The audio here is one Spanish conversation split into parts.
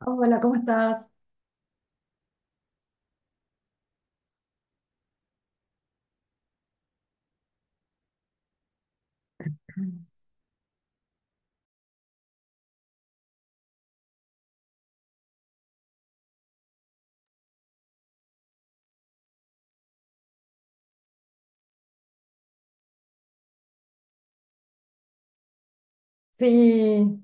Hola, ¿cómo estás? Sí,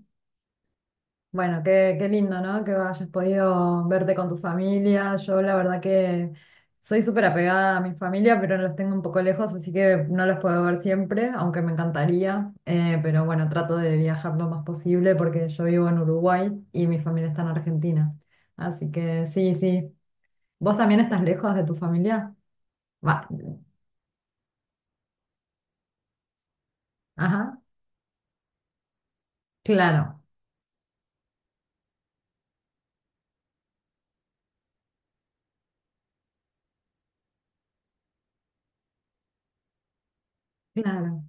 bueno, qué lindo, ¿no? Que hayas podido verte con tu familia. Yo la verdad que soy súper apegada a mi familia, pero los tengo un poco lejos, así que no los puedo ver siempre, aunque me encantaría. Pero bueno, trato de viajar lo más posible porque yo vivo en Uruguay y mi familia está en Argentina. Así que sí, sí. ¿Vos también estás lejos de tu familia? Va. Ajá, claro, claro,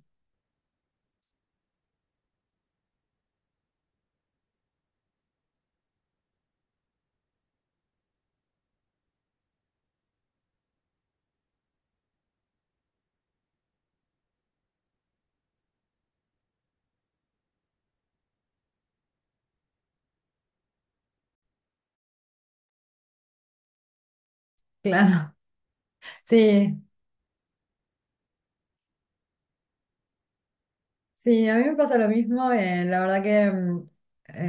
claro. Sí. Sí, a mí me pasa lo mismo. La verdad que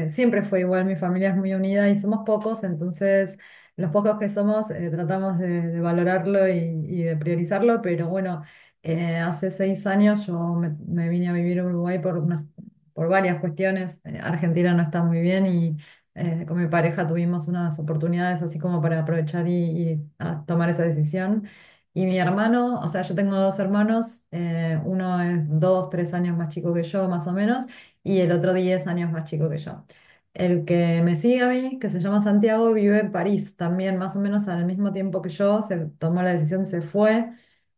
siempre fue igual, mi familia es muy unida y somos pocos, entonces los pocos que somos tratamos de valorarlo y de priorizarlo, pero bueno, hace 6 años yo me vine a vivir a Uruguay por varias cuestiones. Argentina no está muy bien y con mi pareja tuvimos unas oportunidades así como para aprovechar y tomar esa decisión. Y mi hermano, o sea, yo tengo dos hermanos, uno es dos, tres años más chico que yo, más o menos, y el otro 10 años más chico que yo. El que me sigue a mí, que se llama Santiago, vive en París también, más o menos al mismo tiempo que yo, se tomó la decisión, se fue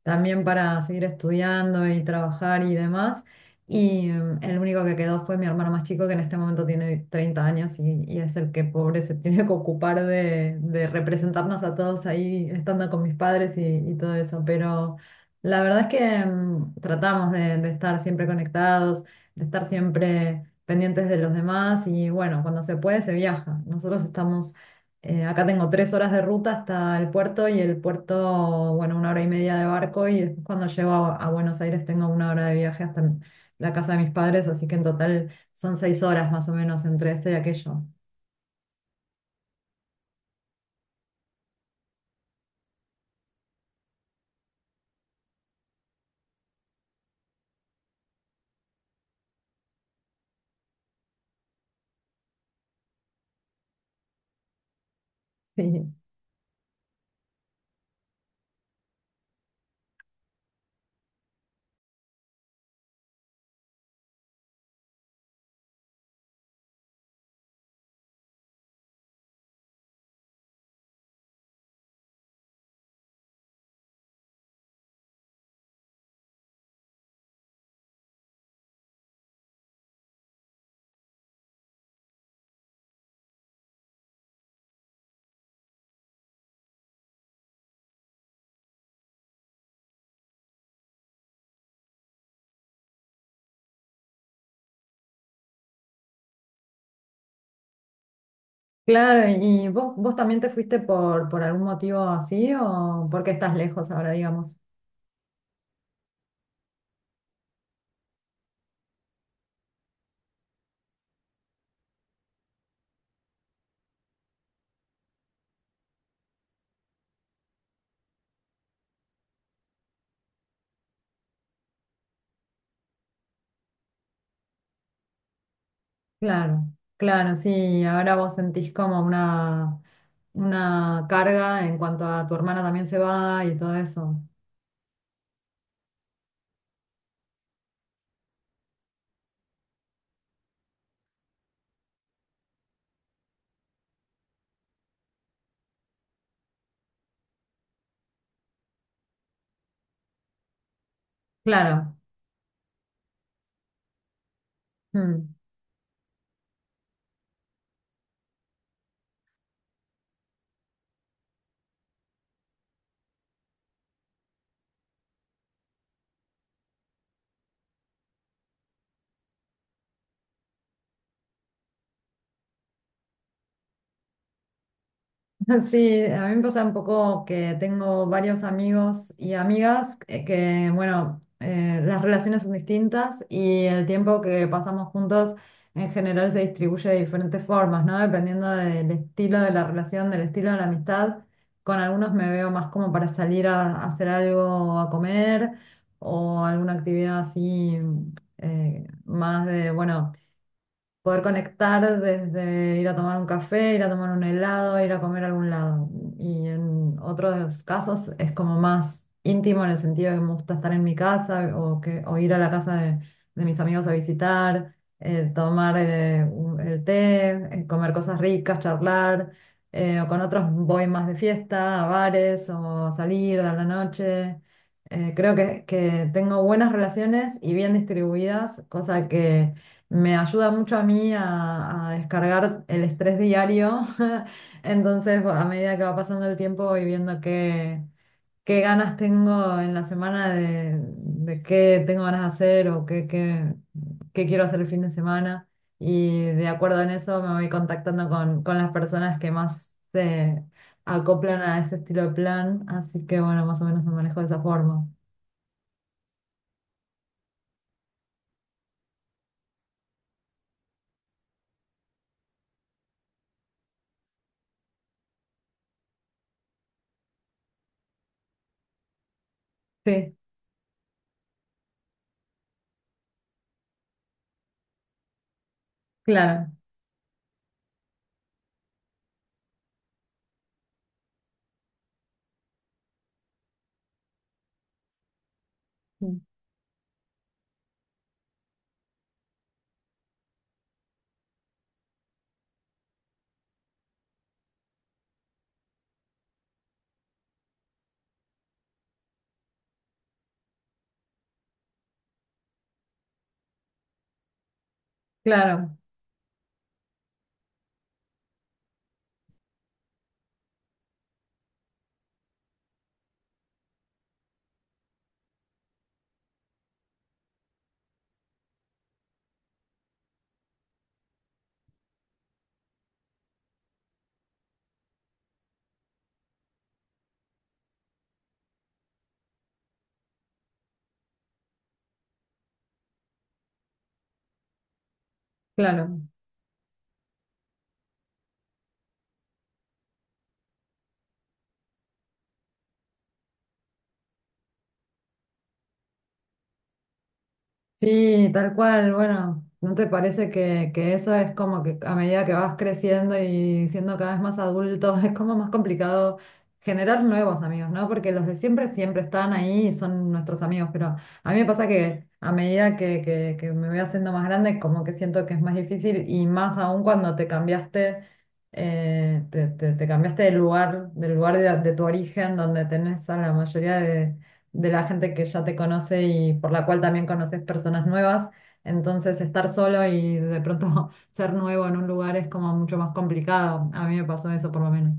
también para seguir estudiando y trabajar y demás. Y el único que quedó fue mi hermano más chico, que en este momento tiene 30 años y es el que pobre se tiene que ocupar de representarnos a todos ahí, estando con mis padres y todo eso. Pero la verdad es que tratamos de estar siempre conectados, de estar siempre pendientes de los demás y bueno, cuando se puede se viaja. Acá tengo 3 horas de ruta hasta el puerto y el puerto, bueno, 1 hora y media de barco y después cuando llego a Buenos Aires tengo 1 hora de viaje hasta la casa de mis padres, así que en total son 6 horas más o menos entre esto y aquello. Sí. Claro, ¿y vos también te fuiste por algún motivo así o porque estás lejos ahora, digamos? Claro, claro, sí, ahora vos sentís como una carga en cuanto a tu hermana también se va y todo eso. Claro. Mm. Sí, a mí me pasa un poco que tengo varios amigos y amigas que, bueno, las relaciones son distintas y el tiempo que pasamos juntos en general se distribuye de diferentes formas, ¿no? Dependiendo del estilo de la relación, del estilo de la amistad. Con algunos me veo más como para salir a hacer algo, a comer o alguna actividad así bueno, poder conectar desde ir a tomar un café, ir a tomar un helado, ir a comer a algún lado. Y en otros casos es como más íntimo en el sentido de que me gusta estar en mi casa o, que, o ir a la casa de mis amigos a visitar, tomar el té, comer cosas ricas, charlar. O con otros voy más de fiesta, a bares o a salir a la noche. Creo que tengo buenas relaciones y bien distribuidas, cosa que me ayuda mucho a mí a descargar el estrés diario. Entonces, a medida que va pasando el tiempo y viendo qué, qué, ganas tengo en la semana de qué tengo ganas de hacer o qué quiero hacer el fin de semana. Y de acuerdo en eso me voy contactando con las personas que más se acoplan a ese estilo de plan. Así que bueno, más o menos me manejo de esa forma. Sí, claro, claro, claro. Sí, tal cual. Bueno, ¿no te parece que eso es como que a medida que vas creciendo y siendo cada vez más adulto, es como más complicado generar nuevos amigos, ¿no? Porque los de siempre siempre están ahí y son nuestros amigos, pero a mí me pasa que a medida que me voy haciendo más grande, como que siento que es más difícil y más aún cuando te cambiaste, te cambiaste de lugar, del lugar de tu origen, donde tenés a la mayoría de la gente que ya te conoce y por la cual también conoces personas nuevas. Entonces, estar solo y de pronto ser nuevo en un lugar es como mucho más complicado. A mí me pasó eso por lo menos.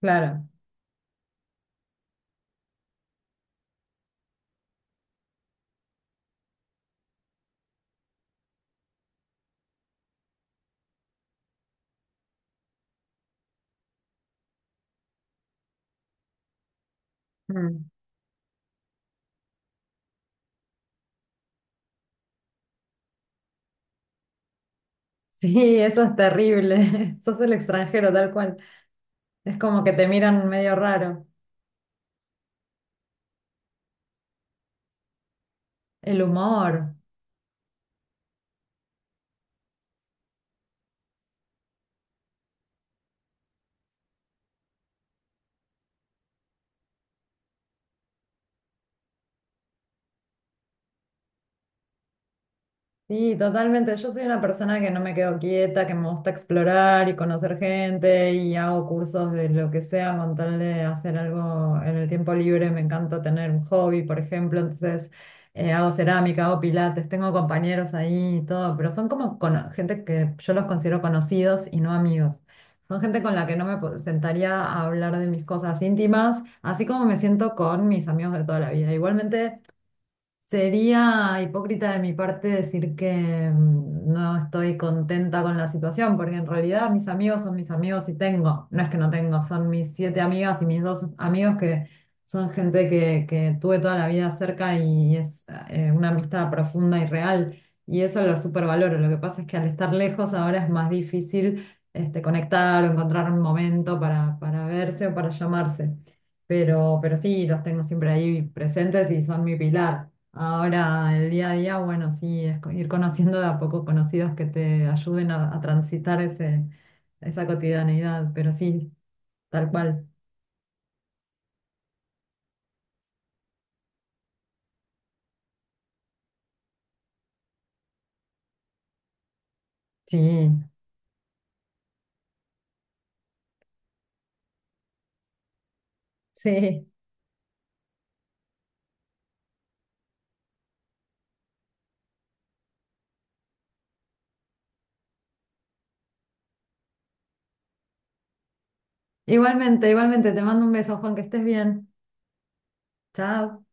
Claro. Mm. Sí, eso es terrible. Sos el extranjero, tal cual. Es como que te miran medio raro. El humor. Sí, totalmente. Yo soy una persona que no me quedo quieta, que me gusta explorar y conocer gente y hago cursos de lo que sea con tal de hacer algo en el tiempo libre. Me encanta tener un hobby, por ejemplo. Entonces hago cerámica, hago pilates, tengo compañeros ahí y todo, pero son como gente que yo los considero conocidos y no amigos. Son gente con la que no me sentaría a hablar de mis cosas íntimas, así como me siento con mis amigos de toda la vida. Igualmente. Sería hipócrita de mi parte decir que no estoy contenta con la situación, porque en realidad mis amigos son mis amigos y tengo, no es que no tengo, son mis siete amigas y mis dos amigos que son gente que tuve toda la vida cerca y es una amistad profunda y real, y eso lo supervaloro. Lo que pasa es que al estar lejos ahora es más difícil este, conectar o encontrar un momento para verse o para llamarse, pero sí, los tengo siempre ahí presentes y son mi pilar. Ahora, el día a día, bueno, sí, es ir conociendo de a poco conocidos que te ayuden a transitar esa cotidianeidad, pero sí, tal cual. Sí, sí. Igualmente, igualmente, te mando un beso, Juan, que estés bien. Chao.